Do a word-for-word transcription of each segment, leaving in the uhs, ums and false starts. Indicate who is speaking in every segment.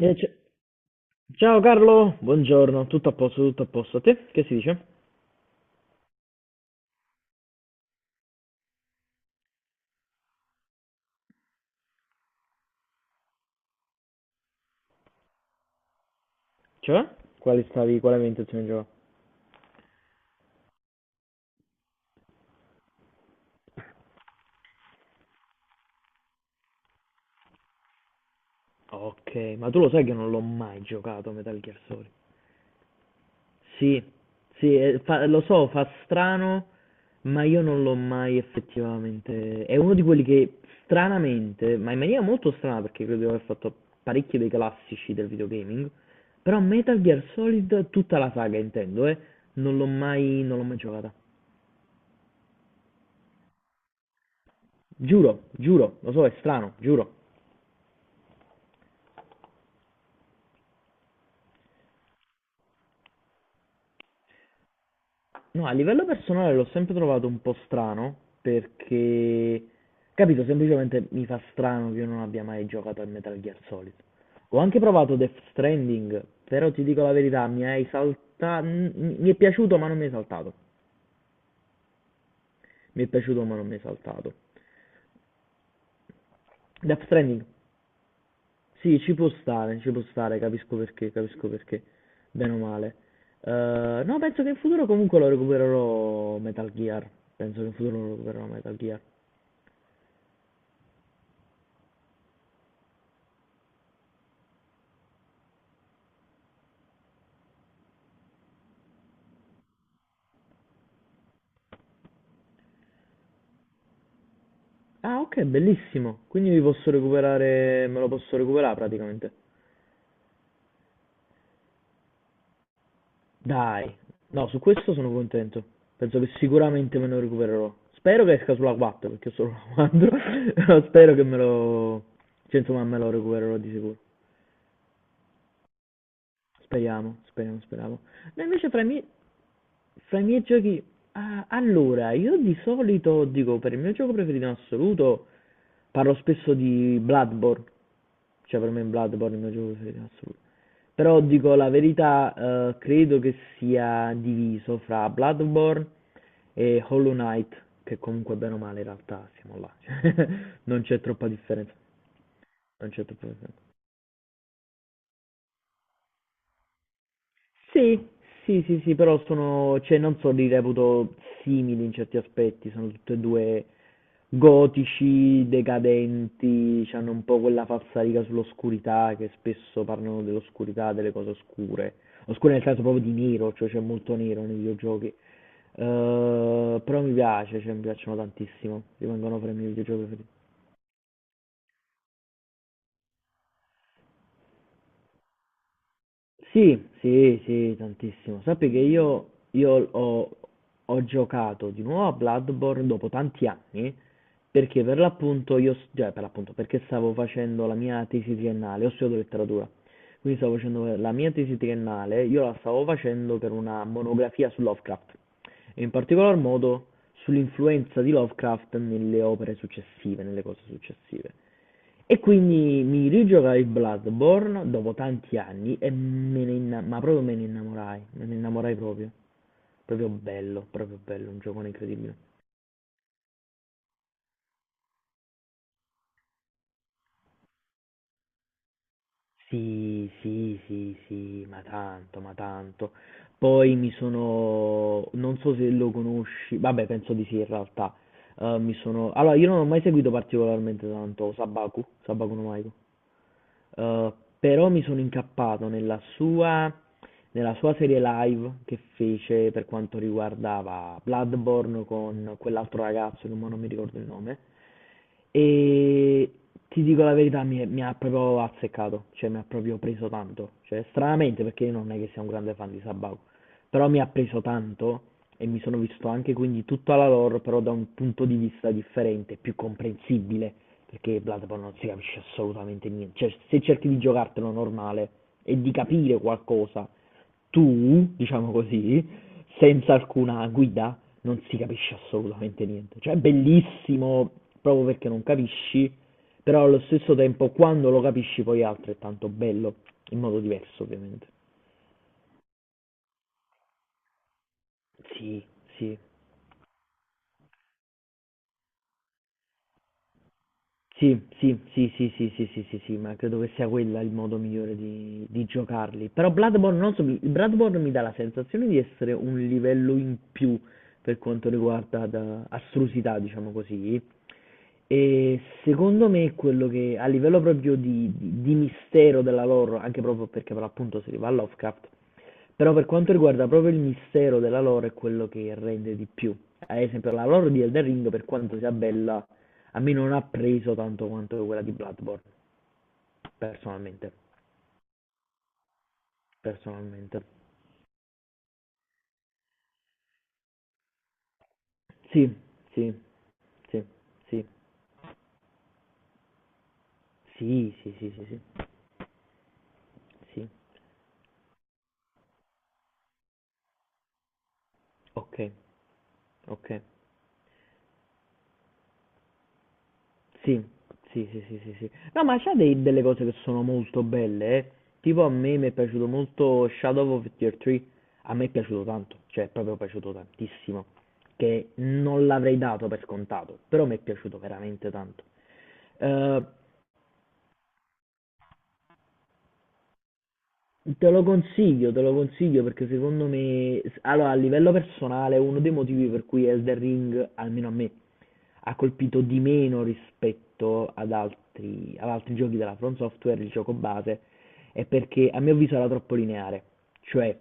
Speaker 1: Eh, c- Ciao Carlo, buongiorno, tutto a posto, tutto a posto. A te? Che si dice? Cioè? Quali stavi, quale ambientazione gioca? Ok, ma tu lo sai che non l'ho mai giocato a Metal Gear Solid. Sì, sì, eh, fa- lo so, fa strano, ma io non l'ho mai effettivamente... È uno di quelli che stranamente, ma in maniera molto strana perché credo di aver fatto parecchi dei classici del videogaming, però Metal Gear Solid, tutta la saga intendo, eh, non l'ho mai, non l'ho mai giocata. Giuro, giuro, lo so, è strano, giuro. No, a livello personale l'ho sempre trovato un po' strano perché, capito, semplicemente mi fa strano che io non abbia mai giocato a Metal Gear Solid. Ho anche provato Death Stranding, però ti dico la verità, mi hai saltato, mi è piaciuto ma non mi è saltato. Mi è piaciuto ma non mi è saltato. Death Stranding. Sì, ci può stare, ci può stare, capisco perché, capisco perché, bene o male. Eh, no, penso che in futuro comunque lo recupererò Metal Gear. Penso che in futuro lo recupererò Metal Gear. Ah, ok, bellissimo. Quindi mi posso recuperare, me lo posso recuperare praticamente. Dai, no, su questo sono contento. Penso che sicuramente me lo recupererò. Spero che esca sulla quattro, perché ho solo la quattro. Però spero che me lo... Cioè, insomma, me lo recupererò di sicuro. Speriamo, speriamo, speriamo. No, invece fra i miei... Fra i miei giochi, ah, allora, io di solito dico per il mio gioco preferito in assoluto, parlo spesso di Bloodborne, cioè per me Bloodborne è il mio gioco preferito in assoluto. Però dico la verità, eh, credo che sia diviso fra Bloodborne e Hollow Knight, che comunque bene o male in realtà siamo là, cioè, non c'è troppa differenza, non c'è troppa differenza. Sì, sì, sì, sì, però sono, cioè non so, li reputo simili in certi aspetti, sono tutte e due gotici, decadenti, hanno un po' quella falsariga sull'oscurità, che spesso parlano dell'oscurità, delle cose oscure. Oscure nel senso proprio di nero, cioè c'è molto nero nei videogiochi. Ehm, però mi piace, cioè mi piacciono tantissimo, rimangono fra i miei videogiochi. Sì, sì, sì, tantissimo. Sappi che io, io ho, ho giocato di nuovo a Bloodborne dopo tanti anni perché per l'appunto io, s- cioè per l'appunto, perché stavo facendo la mia tesi triennale, ho studiato letteratura, quindi stavo facendo la mia tesi triennale, io la stavo facendo per una monografia su Lovecraft e in particolar modo sull'influenza di Lovecraft nelle opere successive, nelle cose successive. E quindi mi rigiogai il Bloodborne dopo tanti anni e me ne inna- ma proprio me ne innamorai, me ne innamorai proprio, proprio bello, proprio bello, un gioco incredibile. Sì, sì, sì, sì, ma tanto, ma tanto. Poi mi sono, non so se lo conosci, vabbè, penso di sì in realtà. Eh, mi sono, allora io non ho mai seguito particolarmente tanto Sabaku, Sabaku no. Uhm, Però mi sono incappato nella sua nella sua serie live che fece per quanto riguardava Bloodborne con quell'altro ragazzo che mo non mi ricordo il nome, e ti dico la verità, mi, mi ha proprio azzeccato, cioè mi ha proprio preso tanto, cioè stranamente perché io non è che sia un grande fan di Sabao, però mi ha preso tanto e mi sono visto anche quindi tutta la lore però da un punto di vista differente, più comprensibile, perché Bloodborne non si capisce assolutamente niente, cioè se cerchi di giocartelo normale e di capire qualcosa, tu, diciamo così, senza alcuna guida non si capisce assolutamente niente, cioè è bellissimo proprio perché non capisci, però allo stesso tempo quando lo capisci poi è altrettanto bello, in modo diverso ovviamente. Sì, sì. Sì, sì, sì, sì, sì, sì, sì, sì, sì, ma credo che sia quella il modo migliore di, di giocarli. Però Bloodborne, non so, mi- Bloodborne mi dà la sensazione di essere un livello in più per quanto riguarda da- astrusità, diciamo così. E secondo me quello che a livello proprio di, di- di mistero della lore, anche proprio perché per l'appunto si arriva a Lovecraft, però per quanto riguarda proprio il mistero della lore è quello che rende di più. Ad esempio la lore di Elden Ring, per quanto sia bella, a me non ha preso tanto quanto quella di Bloodborne, personalmente. Personalmente. Sì, sì, sì, sì. Sì, sì, sì, sì, sì. Sì. Ok, ok. Sì, sì, sì, sì, sì, sì. No, ma c'ha dei- delle cose che sono molto belle, eh. Tipo a me mi è piaciuto molto Shadow of the Tree. A me è piaciuto tanto, cioè è proprio piaciuto tantissimo, che non l'avrei dato per scontato, però mi è piaciuto veramente tanto. Eh, Te lo consiglio, te lo consiglio perché secondo me, s- allora a livello personale, uno dei motivi per cui Elden Ring, almeno a me, ha colpito di meno rispetto ad altri, ad altri giochi della From Software, il gioco base, è perché a mio avviso era troppo lineare, cioè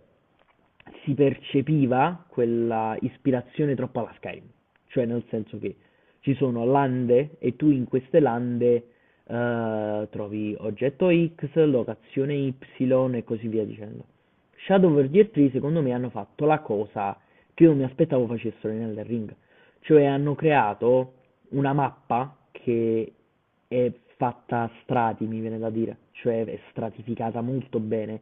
Speaker 1: si percepiva quella ispirazione troppo alla Skyrim, cioè nel senso che ci sono lande e tu in queste lande eh, trovi oggetto X, locazione Y e così via dicendo. Shadow Verdier tre secondo me hanno fatto la cosa che io mi aspettavo facessero nel ring, cioè hanno creato una mappa che è fatta a strati, mi viene da dire, cioè è stratificata molto bene.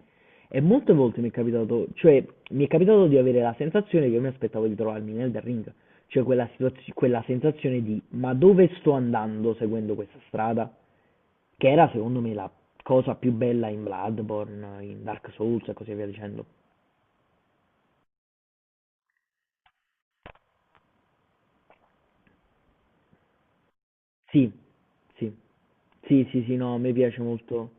Speaker 1: E molte volte mi è capitato, cioè mi è capitato di avere la sensazione che io mi aspettavo di trovarmi nel ring, cioè quella, situazio- quella sensazione di ma dove sto andando seguendo questa strada? Che era secondo me la cosa più bella in Bloodborne, in Dark Souls e così via dicendo. Sì, sì. Sì, sì, sì, no, a me piace molto.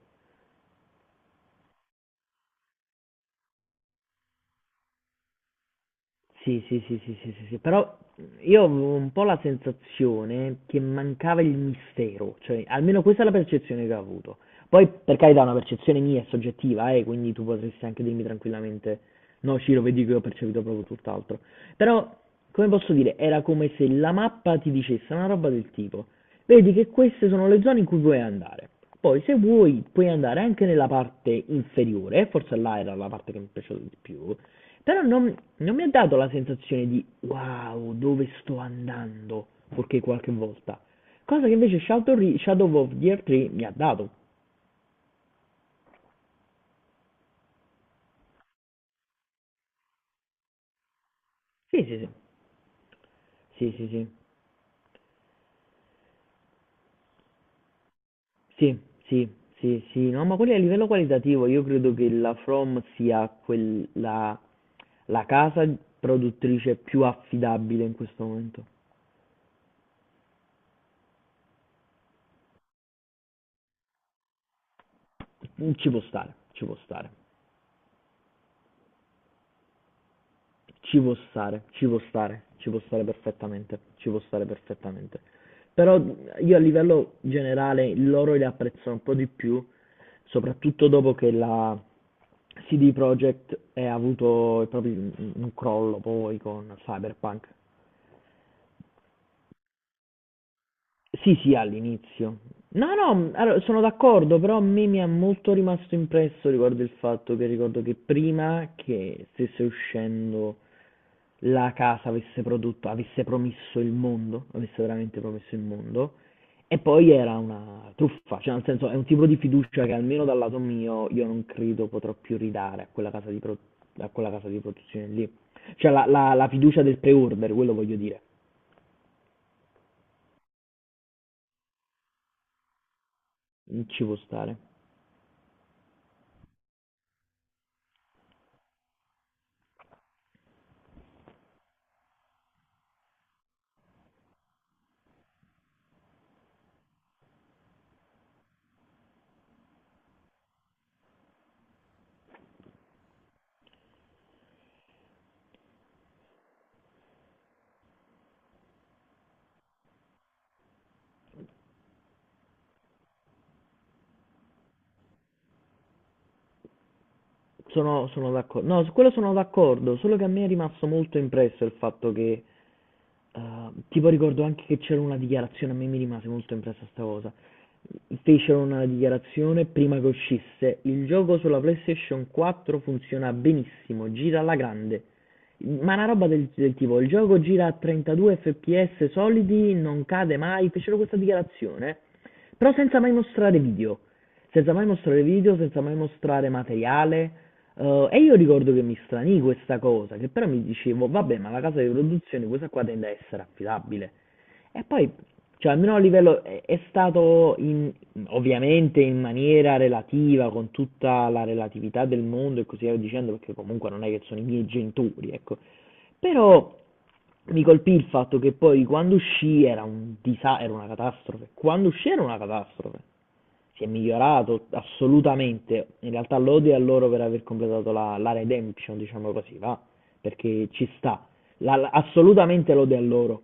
Speaker 1: Sì, sì, sì, sì, sì, sì, sì. Però io avevo un po' la sensazione che mancava il mistero, cioè almeno questa è la percezione che ho avuto. Poi, per carità, è una percezione mia è soggettiva, eh, quindi tu potresti anche dirmi tranquillamente, no, Ciro, vedi che ho percepito proprio tutt'altro. Però, come posso dire, era come se la mappa ti dicesse una roba del tipo. Vedi che queste sono le zone in cui vuoi andare. Poi se vuoi puoi andare anche nella parte inferiore, forse là era la parte che mi piaceva di più, però non, non mi ha dato la sensazione di wow, dove sto andando, perché qualche volta. Cosa che invece Shadow, Re- Shadow of Gear tre mi ha dato. Sì, sì, sì. Sì, sì, sì. Sì, sì, sì, sì. No, ma quelli a livello qualitativo io credo che la From sia quella, la casa produttrice più affidabile in questo momento. Mm, Ci può stare, ci può stare, ci può stare, ci può stare, ci può stare perfettamente, ci può stare perfettamente. Però io a livello generale loro li apprezzo un po' di più, soprattutto dopo che la C D Projekt ha avuto proprio un un crollo poi con Cyberpunk. Sì, sì, all'inizio. No, no, allora, sono d'accordo, però a me mi è molto rimasto impresso riguardo il fatto che ricordo che prima che stesse uscendo la casa avesse prodotto, avesse promesso il mondo, avesse veramente promesso il mondo, e poi era una truffa, cioè nel senso è un tipo di fiducia che almeno dal lato mio io non credo potrò più ridare a quella casa di, pro- a quella casa di produzione lì. Cioè la, la- la fiducia del pre-order, quello voglio dire, ci può stare. Sono, sono d'accordo, no, su quello sono d'accordo, solo che a me è rimasto molto impresso il fatto che. Ehm, tipo ricordo anche che c'era una dichiarazione, a me mi rimase molto impressa sta cosa. Fecero una dichiarazione prima che uscisse: il gioco sulla PlayStation quattro funziona benissimo, gira alla grande. Ma una roba del, del tipo, il gioco gira a trentadue f p s solidi, non cade mai, fecero questa dichiarazione, però senza mai mostrare video, senza mai mostrare video, senza mai mostrare materiale. Eh, e io ricordo che mi stranì questa cosa, che però mi dicevo, vabbè, ma la casa di produzione questa qua tende a essere affidabile. E poi, cioè, almeno a livello è, è stato in- ovviamente in maniera relativa, con tutta la relatività del mondo e così via dicendo, perché comunque non è che sono i miei genitori, ecco. Però mi colpì il fatto che poi quando uscì era un disa- era una catastrofe. Quando uscì era una catastrofe, si è migliorato assolutamente. In realtà lode a loro per aver completato la, la redemption, diciamo così, va? Perché ci sta. La- la- assolutamente lode a loro.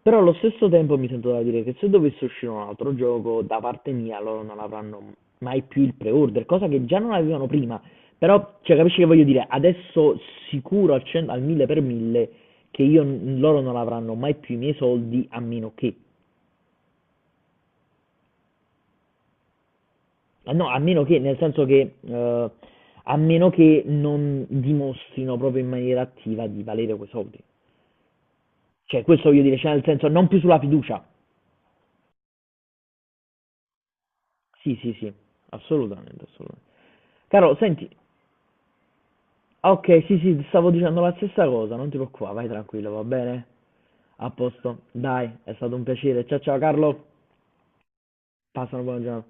Speaker 1: Però allo stesso tempo mi sento da dire che se dovesse uscire un altro gioco, da parte mia loro non avranno mai più il pre-order, cosa che già non avevano prima. Però, cioè, capisci che voglio dire? Adesso sicuro al, cen- al mille per mille che io, loro non avranno mai più i miei soldi a meno che. Eh no, a meno che, nel senso che, eh, a meno che non dimostrino proprio in maniera attiva di valere quei soldi. Cioè, questo voglio dire, cioè nel senso, non più sulla fiducia. Sì, sì, sì, assolutamente, assolutamente. Caro, senti, ah, ok, sì, sì, stavo dicendo la stessa cosa, non ti preoccupare, vai tranquillo, va bene? A posto, dai, è stato un piacere. Ciao, ciao, Carlo, passa una buona giornata.